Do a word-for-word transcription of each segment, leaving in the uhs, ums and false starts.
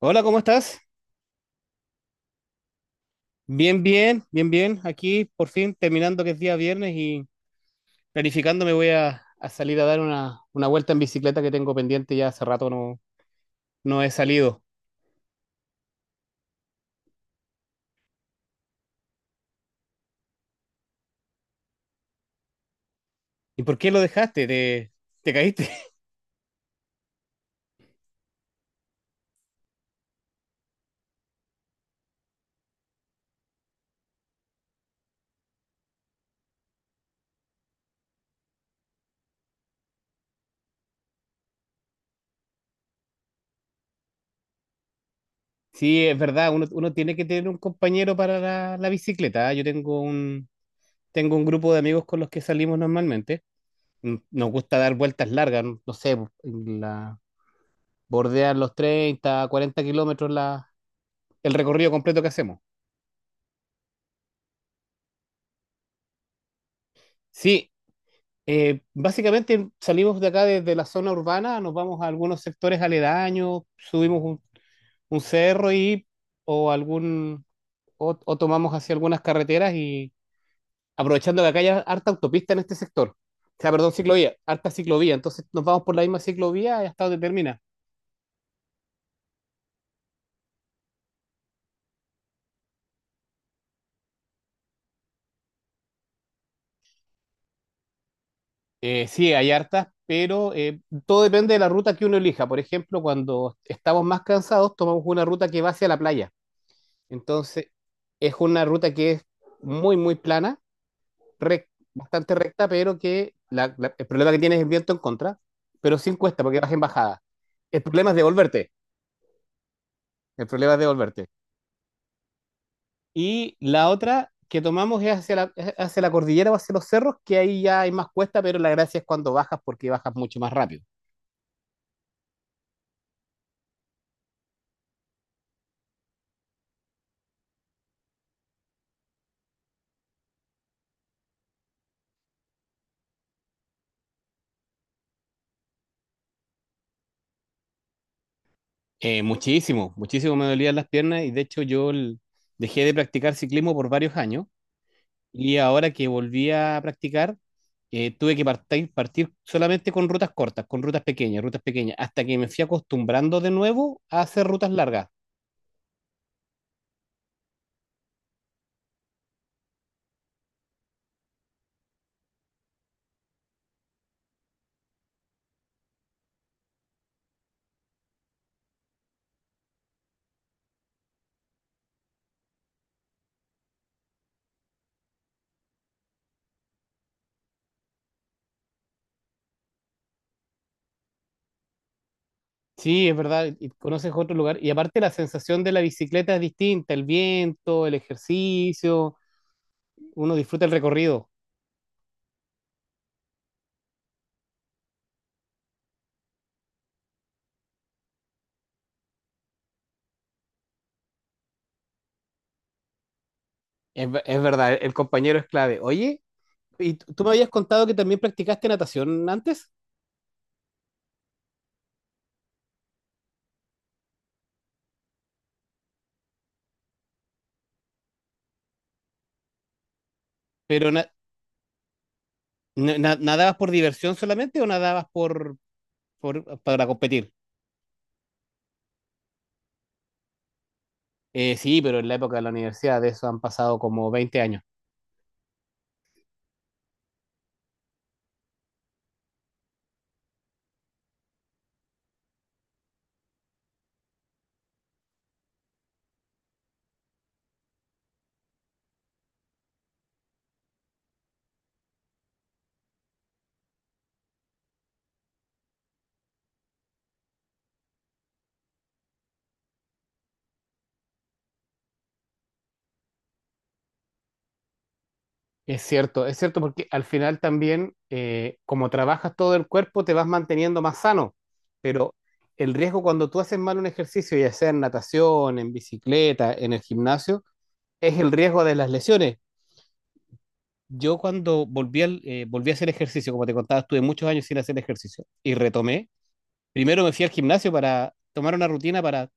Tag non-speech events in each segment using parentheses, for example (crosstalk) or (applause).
Hola, ¿cómo estás? Bien, bien, bien, bien. Aquí por fin terminando que es día viernes y planificando me voy a, a salir a dar una, una vuelta en bicicleta que tengo pendiente ya hace rato no, no he salido. ¿Y por qué lo dejaste? ¿Te, te caíste? (laughs) Sí, es verdad, uno, uno tiene que tener un compañero para la, la bicicleta, ¿ah? Yo tengo un, tengo un grupo de amigos con los que salimos normalmente. Mm, Nos gusta dar vueltas largas, no no sé, la, bordear los treinta, cuarenta kilómetros la, el recorrido completo que hacemos. Sí. Eh, básicamente salimos de acá desde la zona urbana, nos vamos a algunos sectores aledaños, subimos un, un cerro y o algún o, o tomamos hacia algunas carreteras y aprovechando que acá hay harta autopista en este sector. O sea, perdón, ciclovía, harta ciclovía. Entonces nos vamos por la misma ciclovía hasta donde termina. Eh, sí, hay hartas, pero eh, todo depende de la ruta que uno elija. Por ejemplo, cuando estamos más cansados, tomamos una ruta que va hacia la playa. Entonces, es una ruta que es muy, muy plana rec- bastante recta, pero que la- la- el problema que tienes es el viento en contra, pero sin cuesta porque vas en bajada. El problema es devolverte, el problema es devolverte. Y la otra que tomamos es hacia la, es hacia la cordillera o hacia los cerros, que ahí ya hay más cuesta, pero la gracia es cuando bajas porque bajas mucho más rápido. Eh, muchísimo, muchísimo me dolían las piernas y de hecho yo el- dejé de practicar ciclismo por varios años. Y ahora que volví a practicar, eh, tuve que partir, partir solamente con rutas cortas, con rutas pequeñas, rutas pequeñas, hasta que me fui acostumbrando de nuevo a hacer rutas largas. Sí, es verdad, y conoces otro lugar. Y aparte la sensación de la bicicleta es distinta, el viento, el ejercicio, uno disfruta el recorrido. Es, ve- es verdad, el compañero es clave. Oye, y tú tú me habías contado que también practicaste natación antes, pero na- na- na- ¿nadabas por diversión solamente o nadabas por, por- para competir? Eh, sí, pero en la época de la universidad, de eso han pasado como veinte años. Es cierto, es cierto, porque al final también, eh, como trabajas todo el cuerpo, te vas manteniendo más sano, pero el riesgo cuando tú haces mal un ejercicio, ya sea en natación, en bicicleta, en el gimnasio, es el riesgo de las lesiones. Yo cuando volví, al, eh, volví a hacer ejercicio, como te contaba, estuve muchos años sin hacer ejercicio y retomé. Primero me fui al gimnasio para tomar una rutina para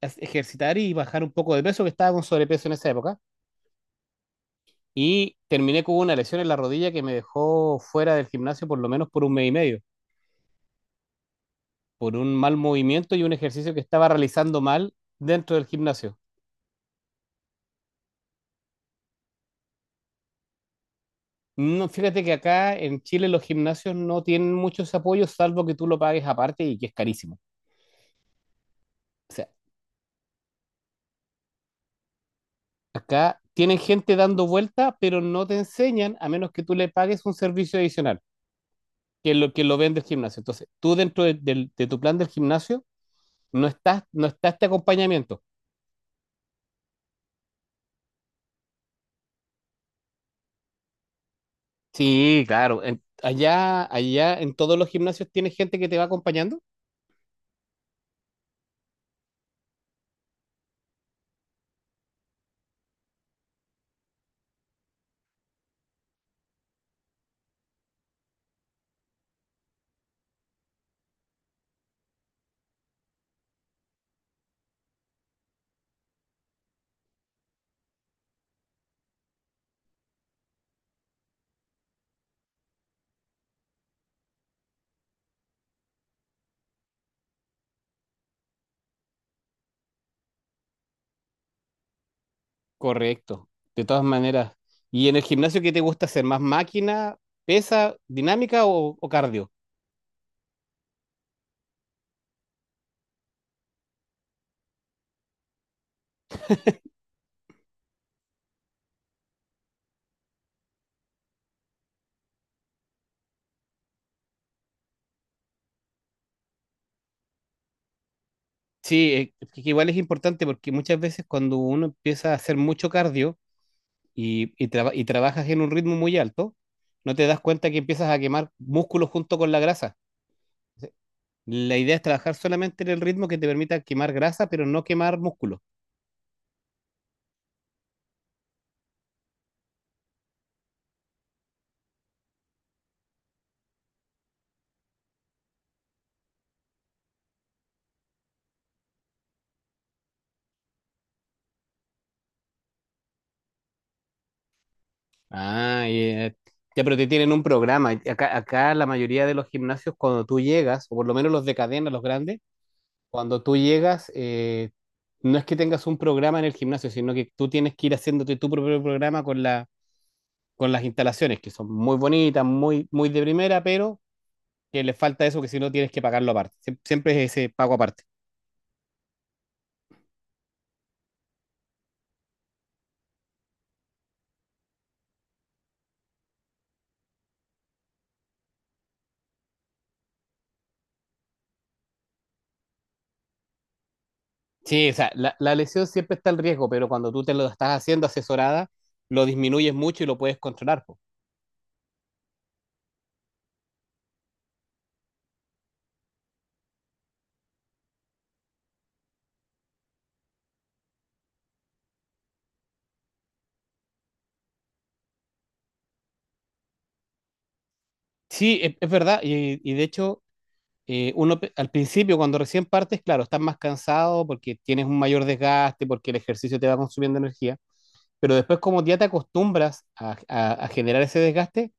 ejercitar y bajar un poco de peso, que estaba con sobrepeso en esa época. Y terminé con una lesión en la rodilla que me dejó fuera del gimnasio por lo menos por un mes y medio, por un mal movimiento y un ejercicio que estaba realizando mal dentro del gimnasio. No, fíjate que acá en Chile los gimnasios no tienen muchos apoyos, salvo que tú lo pagues aparte y que es carísimo. O sea, acá tienen gente dando vuelta, pero no te enseñan a menos que tú le pagues un servicio adicional, que es lo que lo vende el gimnasio. Entonces, tú dentro de, del- de tu plan del gimnasio no estás, no está este acompañamiento. Sí, claro. En- allá, allá en todos los gimnasios tienes gente que te va acompañando. Correcto, de todas maneras. ¿Y en el gimnasio qué te gusta hacer? ¿Más máquina, pesa, dinámica o, o cardio? Sí, eh, es que igual es importante porque muchas veces cuando uno empieza a hacer mucho cardio y, y traba- y trabajas en un ritmo muy alto, no te das cuenta que empiezas a quemar músculos junto con la grasa. La idea es trabajar solamente en el ritmo que te permita quemar grasa, pero no quemar músculo. Ah, y, eh, ya, pero te tienen un programa. Acá, acá la mayoría de los gimnasios, cuando tú llegas, o por lo menos los de cadena, los grandes, cuando tú llegas, eh, no es que tengas un programa en el gimnasio, sino que tú tienes que ir haciéndote tu propio programa con la, con las instalaciones, que son muy bonitas, muy, muy de primera, pero que le falta eso, que si no tienes que pagarlo aparte. Siem- Siempre es ese pago aparte. Sí, o sea, la, la lesión siempre está el riesgo, pero cuando tú te lo estás haciendo asesorada, lo disminuyes mucho y lo puedes controlar. Sí, es, es verdad. Y, y de hecho, eh, uno pe- al principio, cuando recién partes, claro, estás más cansado porque tienes un mayor desgaste, porque el ejercicio te va consumiendo energía. Pero después, como ya te acostumbras a, a- a generar ese desgaste,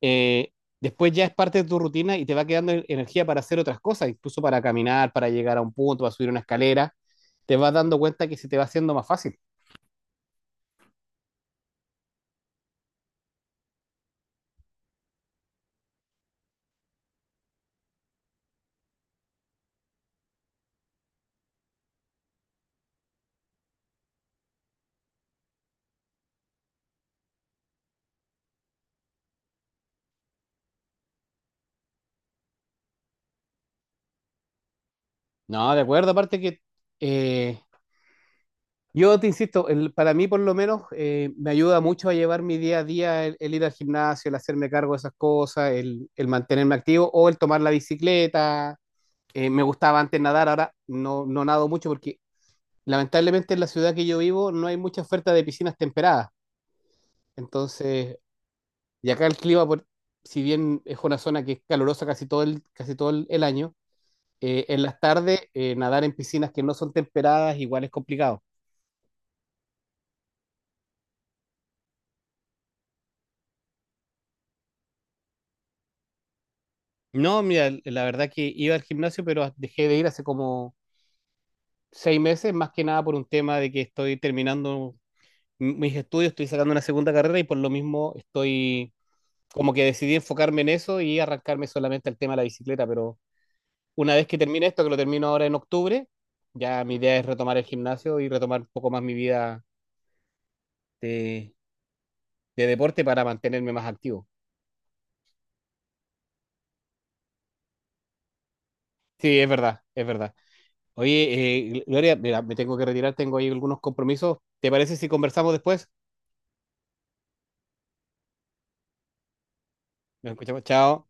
eh, después ya es parte de tu rutina y te va quedando en- energía para hacer otras cosas, incluso para caminar, para llegar a un punto, para subir una escalera. Te vas dando cuenta que se te va haciendo más fácil. No, de acuerdo, aparte que eh, yo te insisto, el- para mí por lo menos, eh, me ayuda mucho a llevar mi día a día el, el ir al gimnasio, el hacerme cargo de esas cosas, el, el mantenerme activo o el tomar la bicicleta. Eh, me gustaba antes nadar, ahora no, no nado mucho porque lamentablemente en la ciudad que yo vivo no hay mucha oferta de piscinas temperadas. Entonces, y acá el clima, por- si bien es una zona que es calurosa casi todo el, casi todo el, el año, eh, en las tardes, eh, nadar en piscinas que no son temperadas igual es complicado. No, mira, la verdad que iba al gimnasio, pero dejé de ir hace como seis meses, más que nada por un tema de que estoy terminando m- mis estudios, estoy sacando una segunda carrera y por lo mismo estoy como que decidí enfocarme en eso y arrancarme solamente al tema de la bicicleta, pero una vez que termine esto, que lo termino ahora en octubre, ya mi idea es retomar el gimnasio y retomar un poco más mi vida de, de deporte para mantenerme más activo. Sí, es verdad, es verdad. Oye, eh, Gloria, mira, me tengo que retirar, tengo ahí algunos compromisos. ¿Te parece si conversamos después? Nos escuchamos. Chao.